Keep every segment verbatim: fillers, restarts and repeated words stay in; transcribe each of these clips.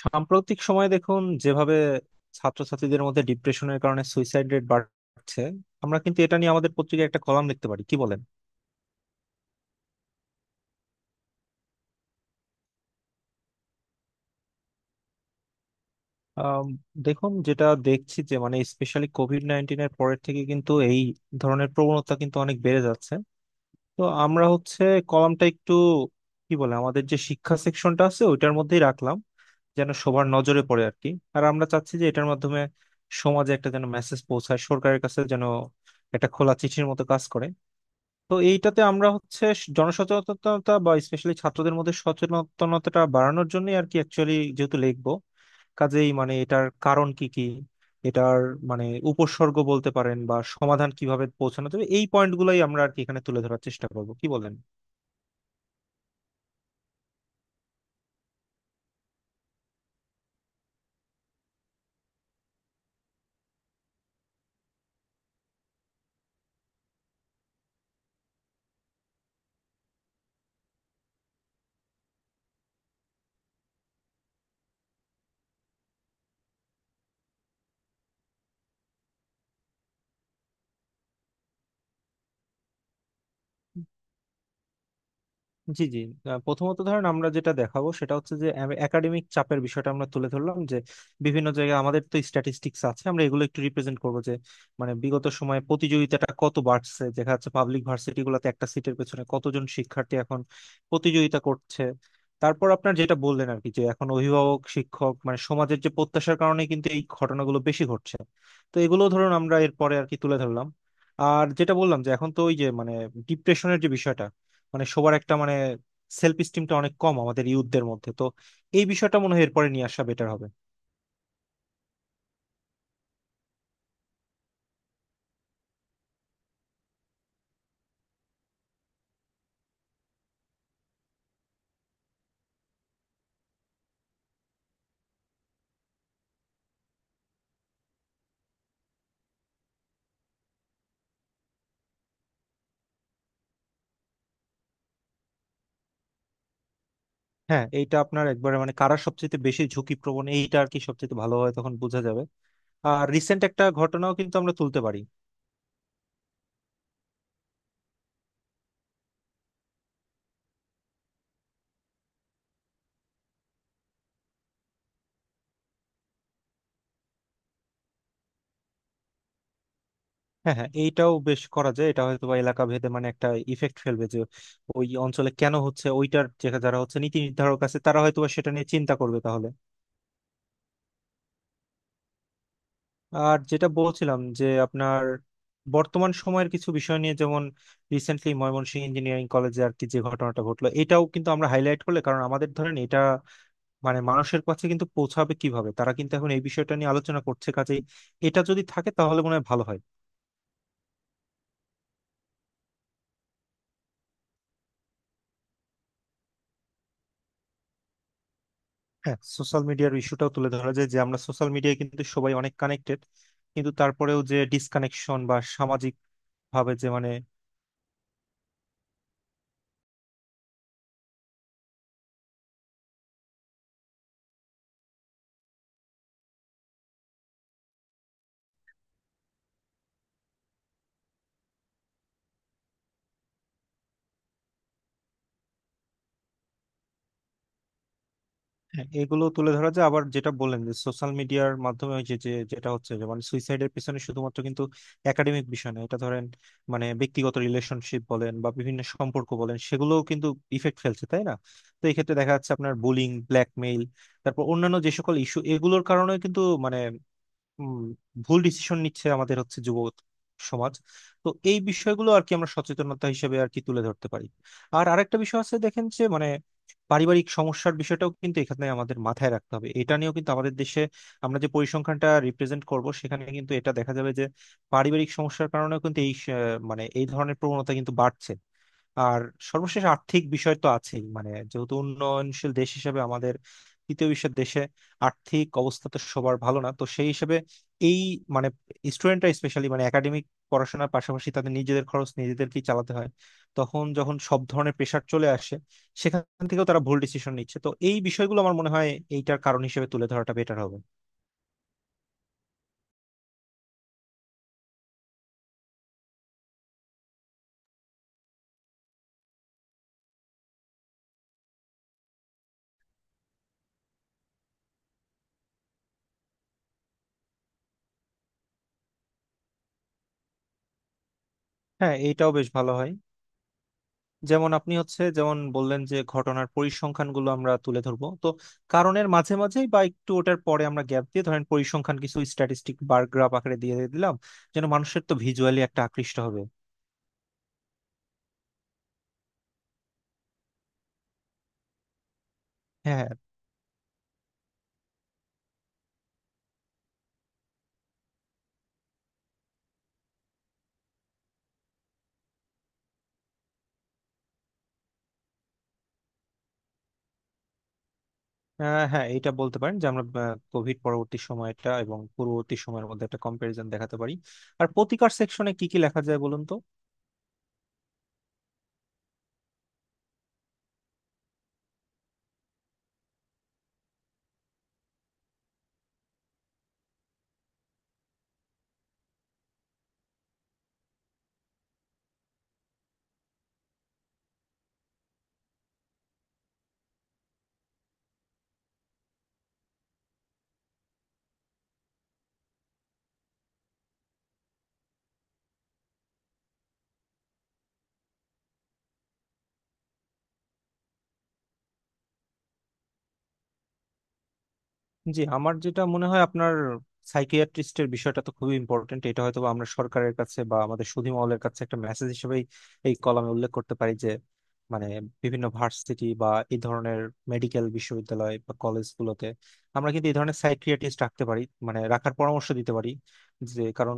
সাম্প্রতিক সময়ে দেখুন যেভাবে ছাত্রছাত্রীদের মধ্যে ডিপ্রেশনের কারণে সুইসাইড রেট বাড়ছে, আমরা কিন্তু এটা নিয়ে আমাদের পত্রিকায় একটা কলাম লিখতে পারি, কি বলেন? আম, দেখুন, যেটা দেখছি যে মানে স্পেশালি কোভিড নাইন্টিনের পরের থেকে কিন্তু এই ধরনের প্রবণতা কিন্তু অনেক বেড়ে যাচ্ছে। তো আমরা হচ্ছে কলামটা একটু কি বলে, আমাদের যে শিক্ষা সেকশনটা আছে ওইটার মধ্যেই রাখলাম যেন সবার নজরে পড়ে আর কি। আর আমরা চাচ্ছি যে এটার মাধ্যমে সমাজে একটা যেন মেসেজ পৌঁছায়, সরকারের কাছে যেন একটা খোলা চিঠির মতো কাজ করে। তো এইটাতে আমরা হচ্ছে স- জনসচেতনতা বা স্পেশালি ছাত্রদের মধ্যে সচেতনতাটা বাড়ানোর জন্য আর কি অ্যাকচুয়ালি যেহেতু লিখবো, কাজেই মানে এটার কারণ কি কি, এটার মানে উপসর্গ বলতে পারেন বা সমাধান কিভাবে পৌঁছানো যাবে, এই পয়েন্টগুলোই আমরা আর কি এখানে তুলে ধরার চেষ্টা করবো, কি বলেন? জি জি। আহ, প্রথমত ধরেন আমরা যেটা দেখাবো সেটা হচ্ছে যে একাডেমিক চাপের বিষয়টা আমরা তুলে ধরলাম, যে বিভিন্ন জায়গায় আমাদের তো স্ট্যাটিস্টিক্স আছে, আমরা এগুলো একটু রিপ্রেজেন্ট করবো যে মানে বিগত সময়ে প্রতিযোগিতাটা কত বাড়ছে, দেখা যাচ্ছে পাবলিক ভার্সিটি গুলোতে একটা সিটের পেছনে কতজন শিক্ষার্থী এখন প্রতিযোগিতা করছে। তারপর আপনার যেটা বললেন আর কি, যে এখন অভিভাবক শিক্ষক মানে সমাজের যে প্রত্যাশার কারণে কিন্তু এই ঘটনাগুলো বেশি ঘটছে, তো এগুলো ধরুন আমরা এরপরে আর কি তুলে ধরলাম। আর যেটা বললাম যে এখন তো ওই যে মানে ডিপ্রেশনের যে বিষয়টা, মানে সবার একটা মানে সেলফ স্টিমটা অনেক কম আমাদের ইউথদের মধ্যে, তো এই বিষয়টা মনে হয় এরপরে নিয়ে আসা বেটার হবে। হ্যাঁ, এইটা আপনার একবারে মানে কারা সবচেয়ে বেশি ঝুঁকিপ্রবণ এইটা আর কি সবচেয়ে ভালো হয় তখন বোঝা যাবে। আর রিসেন্ট একটা ঘটনাও কিন্তু আমরা তুলতে পারি। হ্যাঁ হ্যাঁ, এইটাও বেশ করা যায়, এটা হয়তো বা এলাকা ভেদে মানে একটা ইফেক্ট ফেলবে যে ওই অঞ্চলে কেন হচ্ছে, ওইটার যে যারা হচ্ছে নীতি নির্ধারক আছে তারা হয়তো বা সেটা নিয়ে চিন্তা করবে তাহলে। আর যেটা বলছিলাম যে আপনার বর্তমান সময়ের কিছু বিষয় নিয়ে, যেমন রিসেন্টলি ময়মনসিংহ ইঞ্জিনিয়ারিং কলেজে আর কি যে ঘটনাটা ঘটলো, এটাও কিন্তু আমরা হাইলাইট করলে, কারণ আমাদের ধরেন এটা মানে মানুষের কাছে কিন্তু পৌঁছাবে কিভাবে, তারা কিন্তু এখন এই বিষয়টা নিয়ে আলোচনা করছে, কাজেই এটা যদি থাকে তাহলে মনে হয় ভালো হয়। হ্যাঁ, সোশ্যাল মিডিয়ার ইস্যুটাও তুলে ধরা যায়, যে আমরা সোশ্যাল মিডিয়ায় কিন্তু সবাই অনেক কানেক্টেড, কিন্তু তারপরেও যে ডিসকানেকশন বা সামাজিক ভাবে যে মানে, হ্যাঁ, এগুলো তুলে ধরা যায়। আবার যেটা বললেন যে সোশ্যাল মিডিয়ার মাধ্যমে ওই যে যে যেটা হচ্ছে যে মানে সুইসাইডের পিছনে শুধুমাত্র কিন্তু একাডেমিক বিষয় না, এটা ধরেন মানে ব্যক্তিগত রিলেশনশিপ বলেন বা বিভিন্ন সম্পর্ক বলেন সেগুলোও কিন্তু ইফেক্ট ফেলছে তাই না। তো এই ক্ষেত্রে দেখা যাচ্ছে আপনার বুলিং, ব্ল্যাকমেইল, তারপর অন্যান্য যে সকল ইস্যু, এগুলোর কারণে কিন্তু মানে উম, ভুল ডিসিশন নিচ্ছে আমাদের হচ্ছে যুব সমাজ। তো এই বিষয়গুলো আর কি আমরা সচেতনতা হিসেবে আর কি তুলে ধরতে পারি। আর আরেকটা বিষয় আছে দেখেন যে মানে পারিবারিক সমস্যার বিষয়টাও কিন্তু এখানে আমাদের মাথায় রাখতে হবে, এটা নিয়েও কিন্তু আমাদের দেশে আমরা যে পরিসংখ্যানটা রিপ্রেজেন্ট করব সেখানে কিন্তু এটা দেখা যাবে যে পারিবারিক সমস্যার কারণেও কিন্তু এই স- মানে এই ধরনের প্রবণতা কিন্তু বাড়ছে। আর সর্বশেষ আর্থিক বিষয় তো আছেই, মানে যেহেতু উন্নয়নশীল দেশ হিসেবে আমাদের তৃতীয় বিশ্বের দেশে আর্থিক অবস্থা তো সবার ভালো না, তো সেই হিসেবে এই মানে স্টুডেন্টরা স্পেশালি মানে একাডেমিক পড়াশোনার পাশাপাশি তাদের নিজেদের খরচ নিজেদেরকেই চালাতে হয়, তখন যখন সব ধরনের প্রেশার চলে আসে সেখান থেকেও তারা ভুল ডিসিশন নিচ্ছে, তো এই বিষয়গুলো আমার মনে হয় এইটার কারণ হিসেবে তুলে ধরাটা বেটার হবে। হ্যাঁ এইটাও বেশ ভালো হয়। যেমন আপনি হচ্ছে যেমন বললেন যে ঘটনার পরিসংখ্যানগুলো আমরা তুলে ধরবো, তো কারণের মাঝে মাঝেই বা একটু ওটার পরে আমরা গ্যাপ দিয়ে ধরেন পরিসংখ্যান কিছু স্ট্যাটিস্টিক বার গ্রাফ আকারে দিয়ে দিলাম যেন মানুষের তো ভিজুয়ালি একটা আকৃষ্ট হবে। হ্যাঁ হ্যাঁ। আহ, হ্যাঁ, এটা বলতে পারেন যে আমরা কোভিড পরবর্তী সময়টা এবং পূর্ববর্তী সময়ের মধ্যে একটা কম্পারিজন দেখাতে পারি। আর প্রতিকার সেকশনে কি কি লেখা যায় বলুন তো। জি, আমার যেটা মনে হয় আপনার সাইকিয়াট্রিস্টের বিষয়টা তো খুবই ইম্পর্টেন্ট, এটা হয়তো বা আমরা সরকারের কাছে বা আমাদের সুধী মহলের কাছে একটা মেসেজ হিসেবেই এই কলামে উল্লেখ করতে পারি যে মানে বিভিন্ন ভার্সিটি বা এই ধরনের মেডিকেল বিশ্ববিদ্যালয় বা কলেজগুলোতে আমরা কিন্তু এই ধরনের সাইকিয়াট্রিস্ট রাখতে পারি, মানে রাখার পরামর্শ দিতে পারি, যে কারণ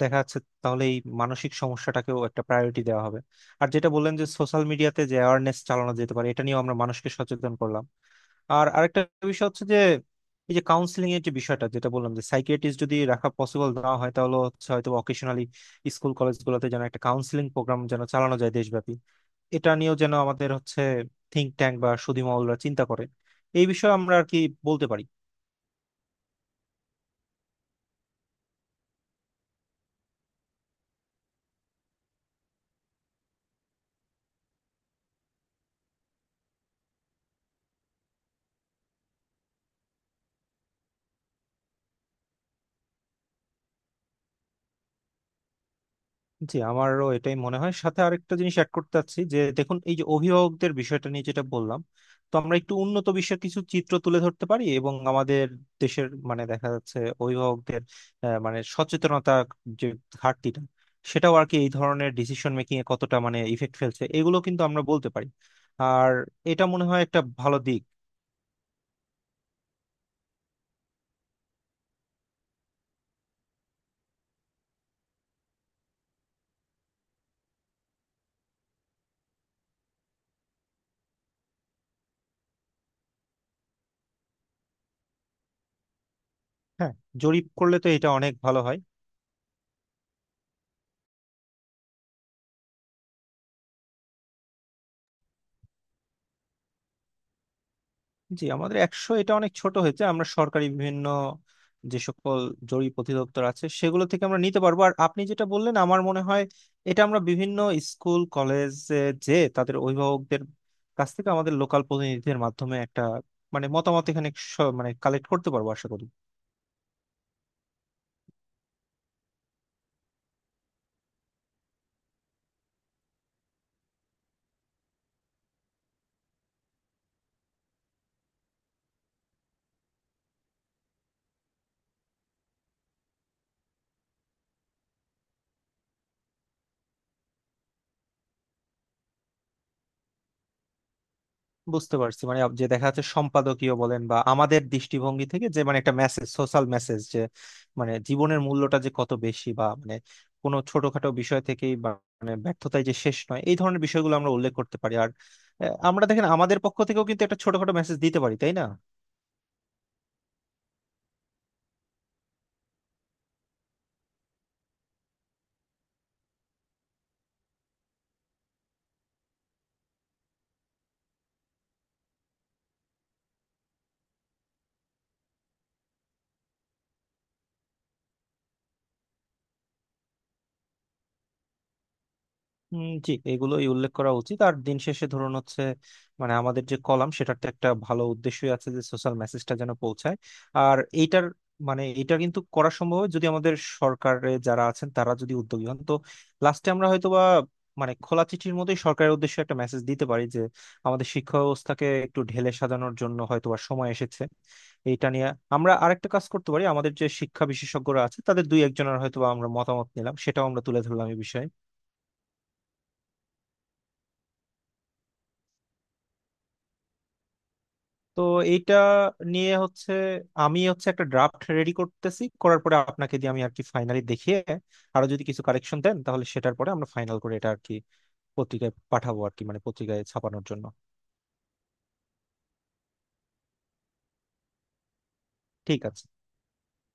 দেখা যাচ্ছে তাহলে এই মানসিক সমস্যাটাকেও একটা প্রায়োরিটি দেওয়া হবে। আর যেটা বললেন যে সোশ্যাল মিডিয়াতে যে অ্যাওয়ারনেস চালানো যেতে পারে, এটা নিয়েও আমরা মানুষকে সচেতন করলাম। আর আরেকটা বিষয় হচ্ছে যে এই যে কাউন্সিলিং এর যে বিষয়টা, যেটা বললাম যে সাইকিয়াট্রিস্ট যদি রাখা পসিবল না হয় তাহলে হচ্ছে হয়তো অকেশনালি স্কুল কলেজগুলোতে যেন একটা কাউন্সিলিং প্রোগ্রাম যেন চালানো যায় দেশব্যাপী, এটা নিয়েও যেন আমাদের হচ্ছে থিঙ্ক ট্যাঙ্ক বা সুধী মহলরা চিন্তা করে, এই বিষয়ে আমরা আর কি বলতে পারি। জি আমারও এটাই মনে হয়। সাথে আরেকটা জিনিস অ্যাড করতে চাচ্ছি যে দেখুন এই যে অভিভাবকদের বিষয়টা নিয়ে যেটা বললাম, তো আমরা একটু উন্নত বিশ্বের কিছু চিত্র তুলে ধরতে পারি এবং আমাদের দেশের মানে দেখা যাচ্ছে অভিভাবকদের আহ, মানে সচেতনতা যে ঘাটতিটা, সেটাও আর কি এই ধরনের ডিসিশন মেকিং এ কতটা মানে ইফেক্ট ফেলছে এগুলো কিন্তু আমরা বলতে পারি। আর এটা মনে হয় একটা ভালো দিক। হ্যাঁ, জরিপ করলে তো এটা অনেক ভালো হয়। জি আমাদের একশো এটা অনেক ছোট হয়েছে, আমরা সরকারি বিভিন্ন যে সকল জরুরি অধিদপ্তর আছে সেগুলো থেকে আমরা নিতে পারবো। আর আপনি যেটা বললেন, আমার মনে হয় এটা আমরা বিভিন্ন স্কুল কলেজে যে তাদের অভিভাবকদের কাছ থেকে আমাদের লোকাল প্রতিনিধিদের মাধ্যমে একটা মানে মতামত এখানে স- মানে কালেক্ট করতে পারবো আশা করি। বুঝতে পারছি, মানে যে দেখা যাচ্ছে সম্পাদকীয় বলেন বা আমাদের দৃষ্টিভঙ্গি থেকে যে মানে একটা মেসেজ সোশ্যাল মেসেজ যে মানে জীবনের মূল্যটা যে কত বেশি, বা মানে কোনো ছোটখাটো বিষয় থেকেই বা মানে ব্যর্থতায় যে শেষ নয়, এই ধরনের বিষয়গুলো আমরা উল্লেখ করতে পারি। আর আহ, আমরা দেখেন আমাদের পক্ষ থেকেও কিন্তু একটা ছোটখাটো মেসেজ দিতে পারি তাই না। হুম, জি এগুলোই উল্লেখ করা উচিত। আর দিন শেষে ধরুন হচ্ছে মানে আমাদের যে কলাম সেটার তো একটা ভালো উদ্দেশ্যই আছে যে সোশ্যাল মেসেজটা যেন পৌঁছায়, আর এইটার মানে এটা কিন্তু করা সম্ভব হয় যদি আমাদের সরকারে যারা আছেন তারা যদি উদ্যোগী হন, তো লাস্টে আমরা হয়তো বা মানে খোলা চিঠির মতোই সরকারের উদ্দেশ্যে একটা মেসেজ দিতে পারি যে আমাদের শিক্ষা ব্যবস্থাকে একটু ঢেলে সাজানোর জন্য হয়তো বা সময় এসেছে। এইটা নিয়ে আমরা আরেকটা কাজ করতে পারি, আমাদের যে শিক্ষা বিশেষজ্ঞরা আছে তাদের দুই একজনের হয়তো বা আমরা মতামত নিলাম, সেটাও আমরা তুলে ধরলাম এই বিষয়ে। তো এইটা নিয়ে হচ্ছে আমি হচ্ছে একটা ড্রাফট রেডি করতেছি, করার পরে আপনাকে দিয়ে আমি আর কি ফাইনালি দেখিয়ে আরো যদি কিছু কারেকশন দেন তাহলে সেটার পরে আমরা ফাইনাল করে এটা আর কি পত্রিকায় পাঠাবো আর কি, মানে পত্রিকায় ছাপানোর জন্য। ঠিক আছে।